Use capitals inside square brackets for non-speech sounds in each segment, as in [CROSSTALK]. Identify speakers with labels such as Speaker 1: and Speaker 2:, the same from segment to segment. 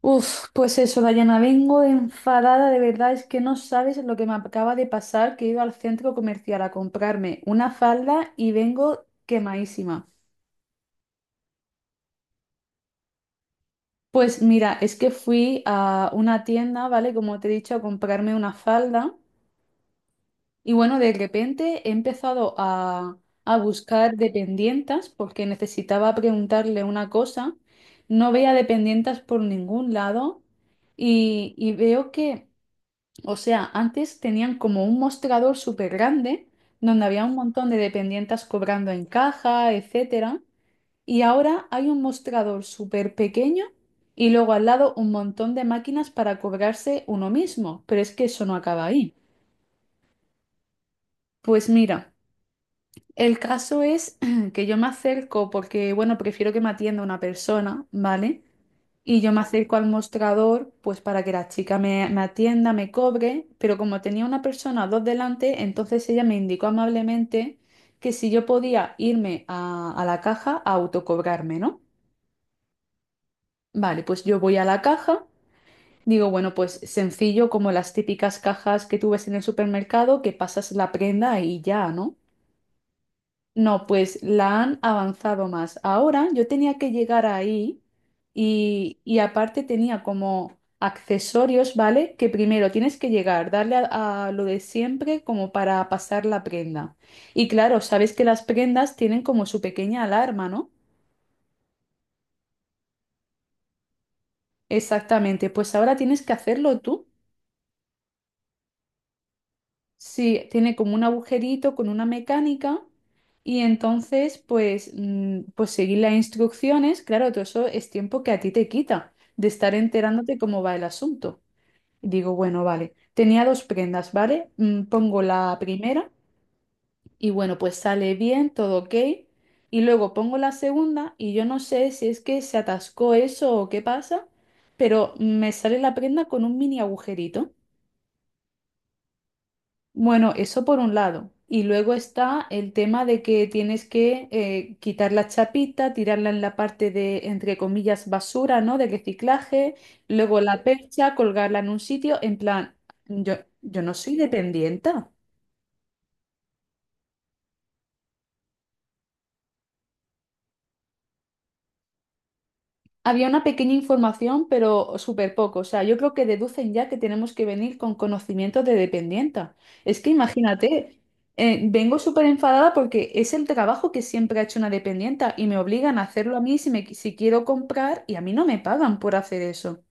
Speaker 1: Uf, pues eso, Dayana, vengo enfadada, de verdad, es que no sabes lo que me acaba de pasar, que he ido al centro comercial a comprarme una falda y vengo quemadísima. Pues mira, es que fui a una tienda, ¿vale? Como te he dicho, a comprarme una falda y bueno, de repente he empezado a buscar dependientas porque necesitaba preguntarle una cosa. No veía dependientas por ningún lado y veo que... O sea, antes tenían como un mostrador súper grande donde había un montón de dependientes cobrando en caja, etcétera. Y ahora hay un mostrador súper pequeño y luego al lado un montón de máquinas para cobrarse uno mismo. Pero es que eso no acaba ahí. Pues mira, el caso es [CLEARS THROAT] que yo me acerco porque, bueno, prefiero que me atienda una persona, ¿vale? Y yo me acerco al mostrador, pues para que la chica me atienda, me cobre, pero como tenía una persona o dos delante, entonces ella me indicó amablemente que si yo podía irme a la caja a autocobrarme, ¿no? Vale, pues yo voy a la caja, digo, bueno, pues sencillo como las típicas cajas que tú ves en el supermercado, que pasas la prenda y ya, ¿no? No, pues la han avanzado más. Ahora yo tenía que llegar ahí y aparte tenía como accesorios, ¿vale? Que primero tienes que llegar, darle a lo de siempre como para pasar la prenda. Y claro, sabes que las prendas tienen como su pequeña alarma, ¿no? Exactamente, pues ahora tienes que hacerlo tú. Sí, tiene como un agujerito con una mecánica y entonces pues, pues seguir las instrucciones, claro, todo eso es tiempo que a ti te quita de estar enterándote cómo va el asunto. Y digo, bueno, vale, tenía dos prendas, ¿vale? Pongo la primera y bueno, pues sale bien, todo ok. Y luego pongo la segunda y yo no sé si es que se atascó eso o qué pasa, pero me sale la prenda con un mini agujerito. Bueno, eso por un lado. Y luego está el tema de que tienes que quitar la chapita, tirarla en la parte de, entre comillas, basura, ¿no? De reciclaje, luego la percha, colgarla en un sitio, en plan, yo, yo no soy dependiente. Había una pequeña información, pero súper poco. O sea, yo creo que deducen ya que tenemos que venir con conocimientos de dependienta. Es que imagínate, vengo súper enfadada porque es el trabajo que siempre ha hecho una dependienta y me obligan a hacerlo a mí si, si quiero comprar y a mí no me pagan por hacer eso.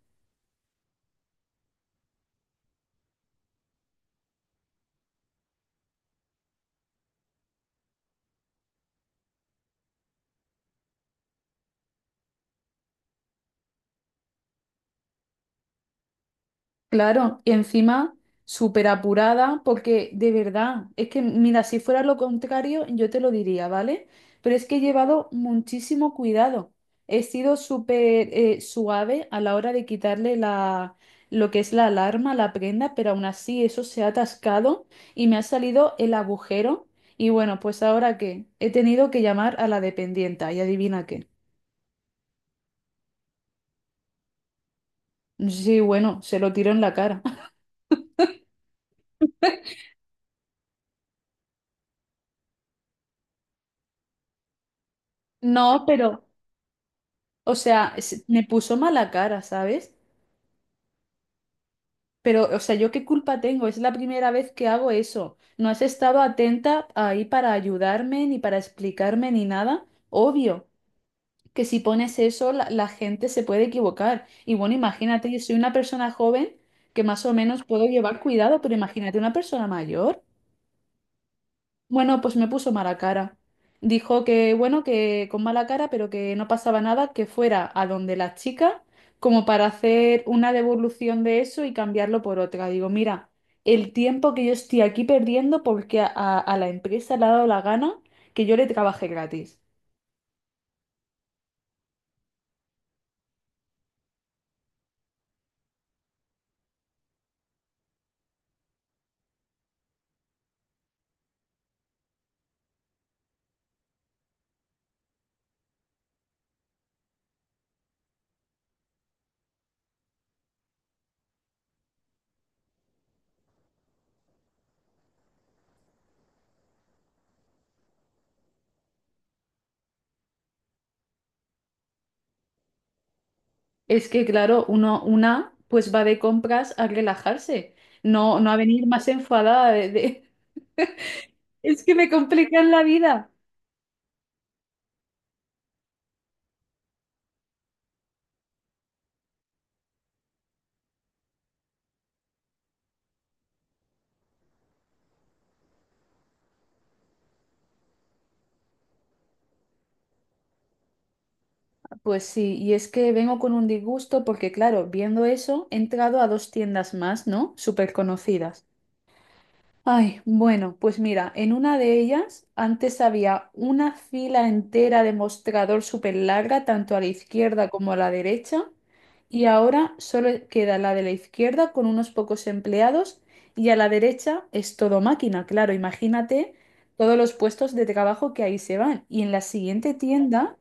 Speaker 1: Claro, y encima súper apurada, porque de verdad, es que mira, si fuera lo contrario, yo te lo diría, ¿vale? Pero es que he llevado muchísimo cuidado. He sido súper suave a la hora de quitarle la, lo que es la alarma, la prenda, pero aún así eso se ha atascado y me ha salido el agujero. Y bueno, pues ahora qué, he tenido que llamar a la dependienta y adivina qué. Sí, bueno, se lo tiro en la cara. [LAUGHS] No, pero... O sea, me puso mala cara, ¿sabes? Pero, o sea, ¿yo qué culpa tengo? Es la primera vez que hago eso. No has estado atenta ahí para ayudarme, ni para explicarme, ni nada. Obvio que si pones eso, la gente se puede equivocar. Y bueno, imagínate, yo soy una persona joven que más o menos puedo llevar cuidado, pero imagínate una persona mayor. Bueno, pues me puso mala cara. Dijo que, bueno, que con mala cara, pero que no pasaba nada, que fuera a donde la chica, como para hacer una devolución de eso y cambiarlo por otra. Digo, mira, el tiempo que yo estoy aquí perdiendo porque a la empresa le ha dado la gana que yo le trabaje gratis. Es que, claro, pues va de compras a relajarse, no a venir más enfadada de... [LAUGHS] Es que me complican la vida. Pues sí, y es que vengo con un disgusto porque, claro, viendo eso, he entrado a dos tiendas más, ¿no? Súper conocidas. Ay, bueno, pues mira, en una de ellas antes había una fila entera de mostrador súper larga, tanto a la izquierda como a la derecha, y ahora solo queda la de la izquierda con unos pocos empleados y a la derecha es todo máquina, claro, imagínate todos los puestos de trabajo que ahí se van. Y en la siguiente tienda...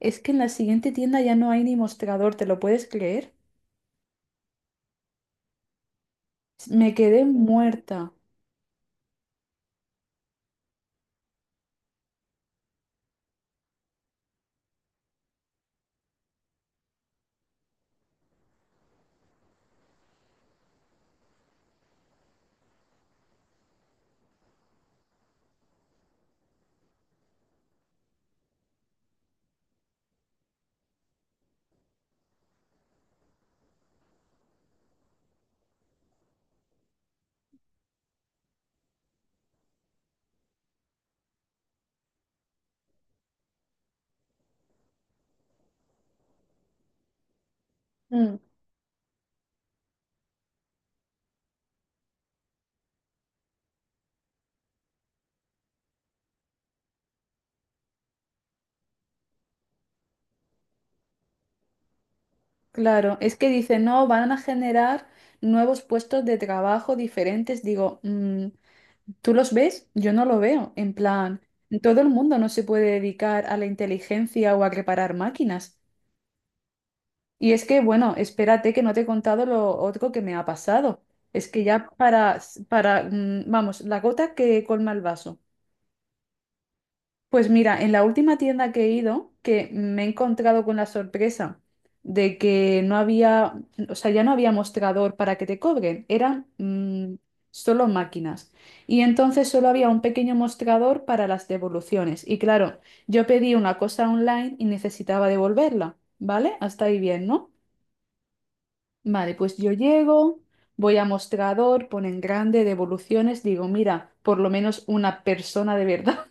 Speaker 1: Es que en la siguiente tienda ya no hay ni mostrador, ¿te lo puedes creer? Me quedé muerta. Mm. Claro, es que dice, no, van a generar nuevos puestos de trabajo diferentes. Digo, "Mm, ¿tú los ves? Yo no lo veo. En plan, todo el mundo no se puede dedicar a la inteligencia o a reparar máquinas. Y es que, bueno, espérate que no te he contado lo otro que me ha pasado. Es que ya vamos, la gota que colma el vaso. Pues mira, en la última tienda que he ido, que me he encontrado con la sorpresa de que no había, o sea, ya no había mostrador para que te cobren, eran solo máquinas. Y entonces solo había un pequeño mostrador para las devoluciones. Y claro, yo pedí una cosa online y necesitaba devolverla, ¿vale? Hasta ahí bien, ¿no? Vale, pues yo llego, voy a mostrador, ponen grande, devoluciones, digo, mira, por lo menos una persona de verdad.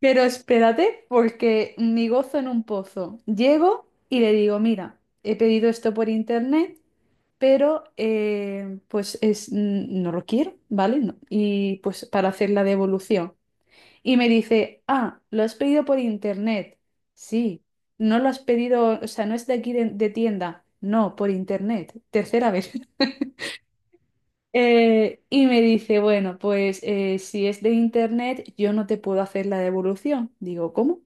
Speaker 1: Pero espérate, porque mi gozo en un pozo. Llego y le digo, mira, he pedido esto por internet, pero pues es, no lo quiero, ¿vale? No. Y pues para hacer la devolución. Y me dice, ah, lo has pedido por internet. Sí, no lo has pedido, o sea, no es de aquí de tienda. No, por internet. Tercera vez. [LAUGHS] Y me dice, bueno, pues si es de internet, yo no te puedo hacer la devolución. Digo, ¿cómo?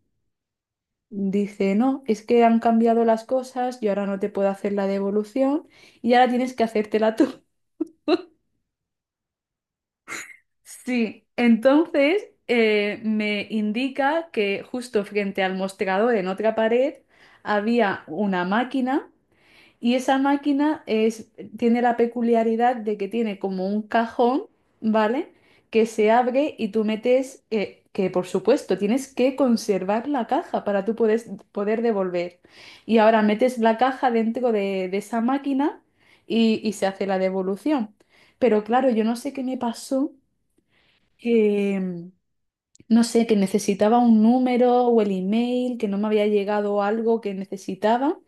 Speaker 1: Dice, no, es que han cambiado las cosas, yo ahora no te puedo hacer la devolución y ahora tienes que hacértela tú. [LAUGHS] Sí, entonces me indica que justo frente al mostrador en otra pared había una máquina. Y esa máquina es, tiene la peculiaridad de que tiene como un cajón, ¿vale? Que se abre y tú metes, que por supuesto tienes que conservar la caja para poder devolver. Y ahora metes la caja dentro de esa máquina y se hace la devolución. Pero claro, yo no sé qué me pasó, que no sé, que necesitaba un número o el email, que no me había llegado algo que necesitaba.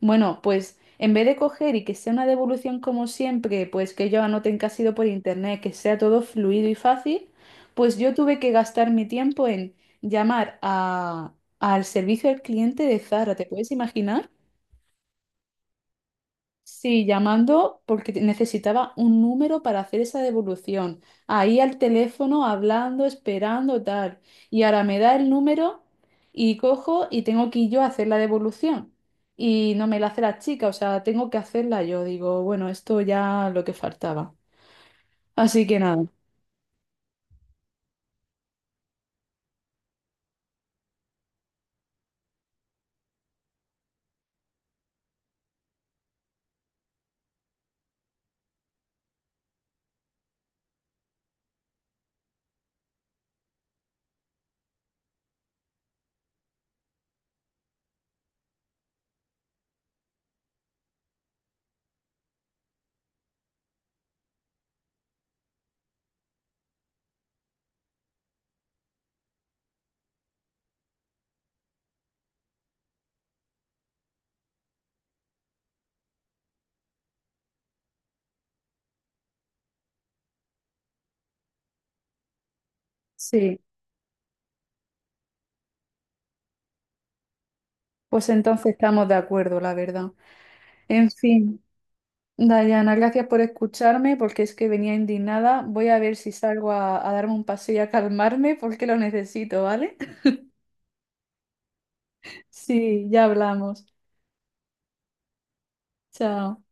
Speaker 1: Bueno, pues en vez de coger y que sea una devolución como siempre, pues que ellos anoten que ha sido por internet, que sea todo fluido y fácil, pues yo tuve que gastar mi tiempo en llamar al servicio al cliente de Zara, ¿te puedes imaginar? Sí, llamando porque necesitaba un número para hacer esa devolución. Ahí al teléfono, hablando, esperando, tal. Y ahora me da el número y cojo y tengo que ir yo a hacer la devolución. Y no me la hace la chica, o sea, tengo que hacerla yo. Digo, bueno, esto ya lo que faltaba. Así que nada. Sí, pues entonces estamos de acuerdo, la verdad. En fin. Dayana, gracias por escucharme porque es que venía indignada. Voy a ver si salgo a darme un paseo y a calmarme porque lo necesito, ¿vale? [LAUGHS] Sí, ya hablamos. Chao.